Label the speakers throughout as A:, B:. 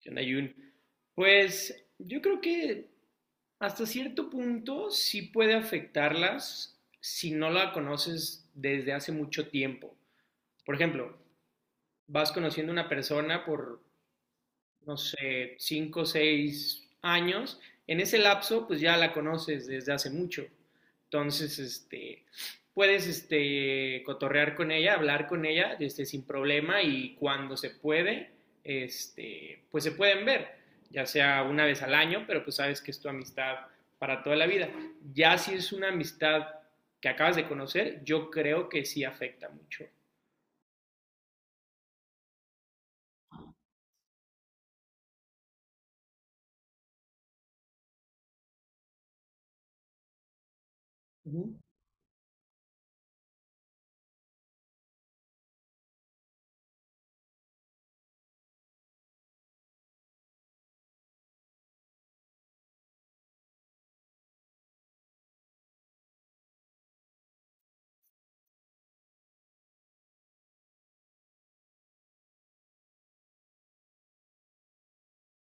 A: ¿Qué onda, Jun? Pues yo creo que hasta cierto punto sí puede afectarlas si no la conoces desde hace mucho tiempo. Por ejemplo, vas conociendo a una persona por no sé, 5 o 6 años, en ese lapso, pues ya la conoces desde hace mucho. Entonces, puedes cotorrear con ella, hablar con ella sin problema y cuando se puede, pues se pueden ver, ya sea una vez al año, pero pues sabes que es tu amistad para toda la vida. Ya si es una amistad que acabas de conocer, yo creo que sí afecta mucho.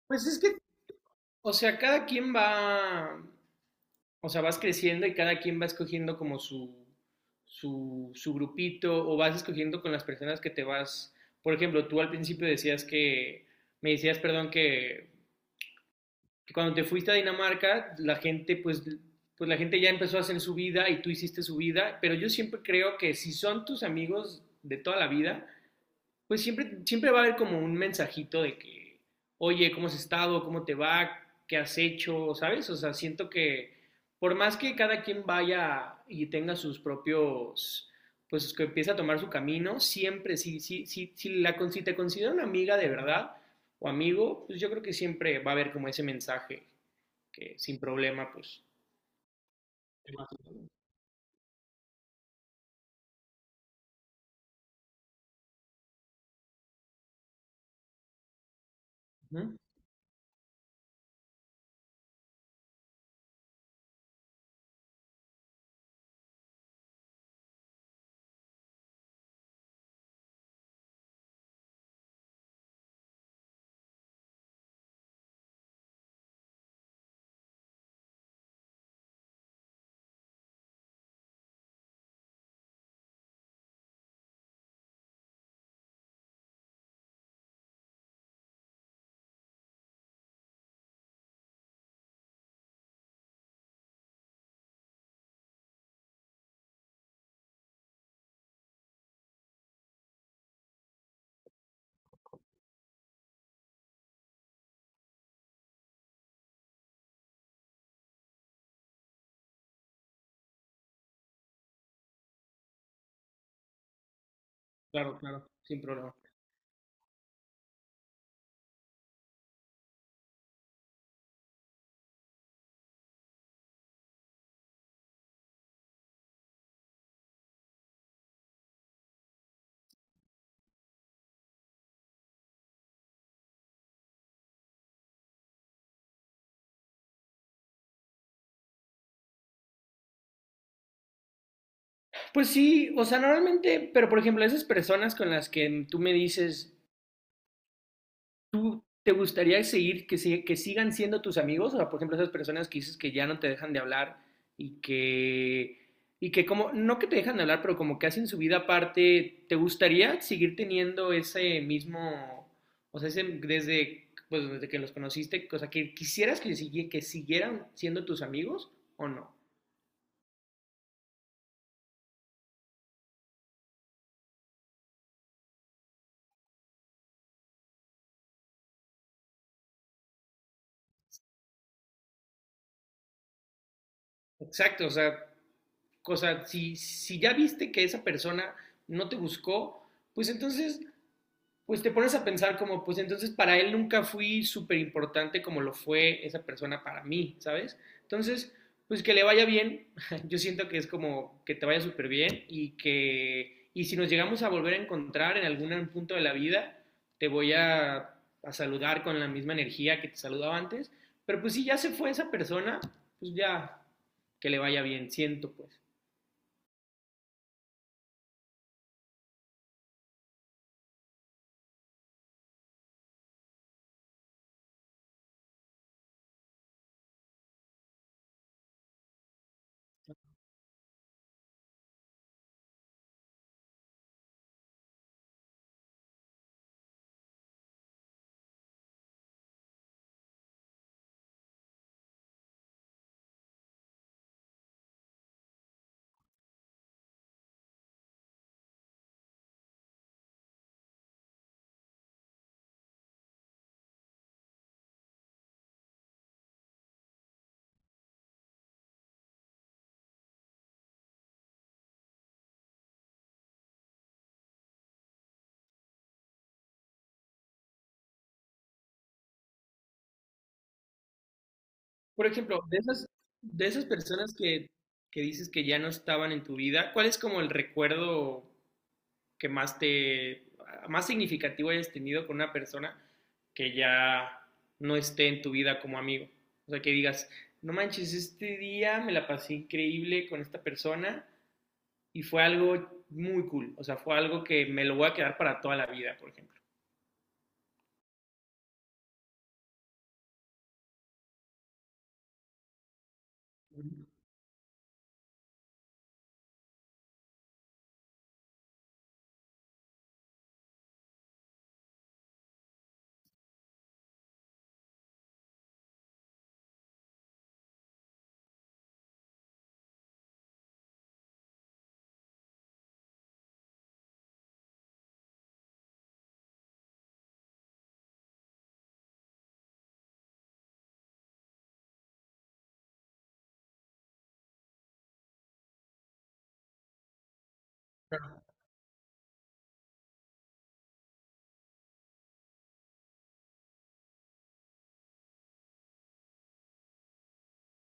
A: Pues es que o sea, cada quien va, o sea, vas creciendo y cada quien va escogiendo como su grupito o vas escogiendo con las personas que te vas. Por ejemplo, tú al principio decías que, me decías, perdón, que cuando te fuiste a Dinamarca, la gente, pues la gente ya empezó a hacer su vida y tú hiciste su vida, pero yo siempre creo que si son tus amigos de toda la vida, pues siempre, siempre va a haber como un mensajito de que, oye, ¿cómo has estado? ¿Cómo te va? ¿Qué has hecho? ¿Sabes? O sea, siento que por más que cada quien vaya y tenga sus propios, pues que empiece a tomar su camino, siempre, si te considera una amiga de verdad o amigo, pues yo creo que siempre va a haber como ese mensaje que sin problema, pues... ¿Mm? Claro, claro, sin problema. Pues sí, o sea, normalmente, pero por ejemplo, esas personas con las que tú me dices, ¿tú te gustaría seguir, que, si- que sigan siendo tus amigos? O sea, por ejemplo, esas personas que dices que ya no te dejan de hablar y que, y que como, no que te dejan de hablar, pero como que hacen su vida aparte, ¿te gustaría seguir teniendo ese mismo, o sea, ese, desde, pues, desde que los conociste, o sea, que quisieras que, que siguieran siendo tus amigos o no? Exacto, o sea, cosa, si ya viste que esa persona no te buscó, pues entonces pues te pones a pensar como, pues entonces para él nunca fui súper importante como lo fue esa persona para mí, ¿sabes? Entonces, pues que le vaya bien, yo siento que es como que te vaya súper bien y que, y si nos llegamos a volver a encontrar en algún punto de la vida, te voy a saludar con la misma energía que te saludaba antes, pero pues si ya se fue esa persona, pues ya, que le vaya bien, siento pues. Por ejemplo, de esas personas que dices que ya no estaban en tu vida, ¿cuál es como el recuerdo que más te, más significativo hayas tenido con una persona que ya no esté en tu vida como amigo? O sea, que digas, no manches, este día me la pasé increíble con esta persona y fue algo muy cool. O sea, fue algo que me lo voy a quedar para toda la vida, por ejemplo.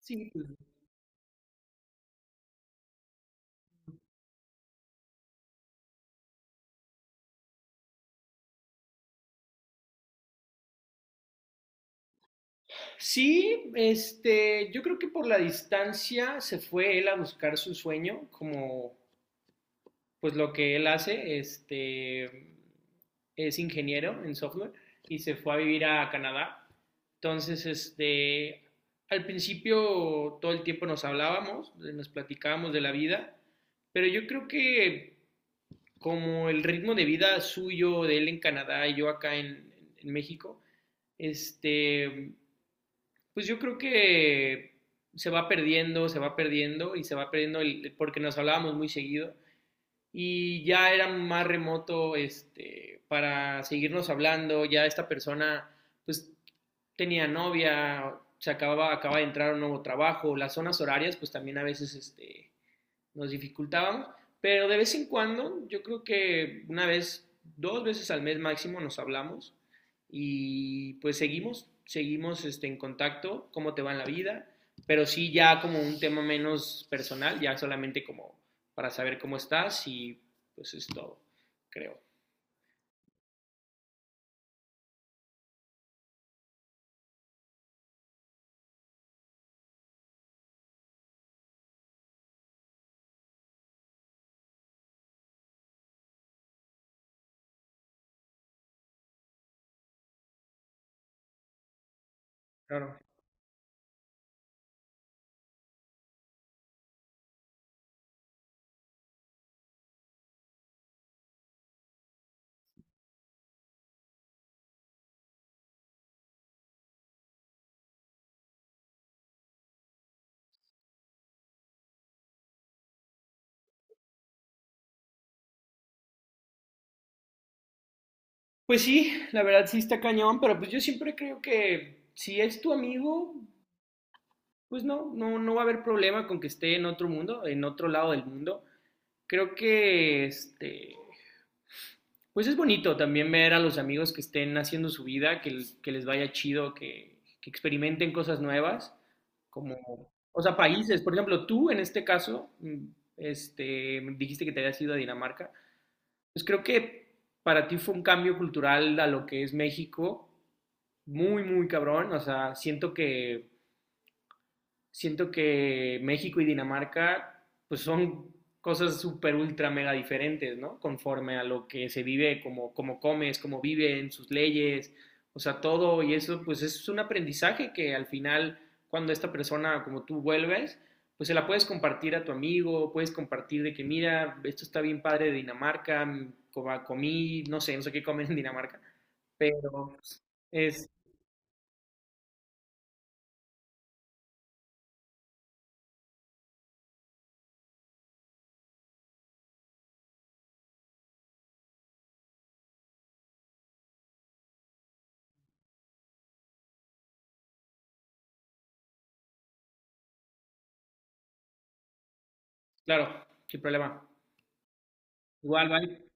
A: Sí, pues. Sí, yo creo que por la distancia se fue él a buscar su sueño, como pues lo que él hace, es ingeniero en software y se fue a vivir a Canadá. Entonces, al principio todo el tiempo nos hablábamos, nos platicábamos de la vida, pero yo creo que como el ritmo de vida suyo de él en Canadá y yo acá en, México, este, pues yo creo que se va perdiendo y se va perdiendo el, porque nos hablábamos muy seguido y ya era más remoto para seguirnos hablando, ya esta persona pues tenía novia, se acababa, acaba de entrar a un nuevo trabajo, las zonas horarias pues también a veces nos dificultábamos, pero de vez en cuando, yo creo que una vez, dos veces al mes máximo nos hablamos y pues seguimos en contacto, cómo te va en la vida, pero sí ya como un tema menos personal, ya solamente como para saber cómo estás y pues es todo, creo. Claro. Pues sí, la verdad sí está cañón, pero pues yo siempre creo que si es tu amigo, pues no, no, no va a haber problema con que esté en otro mundo, en otro lado del mundo. Creo que pues es bonito también ver a los amigos que estén haciendo su vida, que les vaya chido, que experimenten cosas nuevas, como, o sea, países, por ejemplo, tú en este caso, dijiste que te habías ido a Dinamarca, pues creo que para ti fue un cambio cultural a lo que es México, muy, muy cabrón, o sea, siento que México y Dinamarca pues son cosas súper ultra mega diferentes, ¿no? Conforme a lo que se vive, como, como comes, cómo viven, sus leyes, o sea, todo y eso pues es un aprendizaje que al final cuando esta persona como tú vuelves, pues se la puedes compartir a tu amigo, puedes compartir de que mira, esto está bien padre de Dinamarca, comí, no sé, no sé qué comen en Dinamarca, pero pues, es, claro, qué problema. Igual, bye.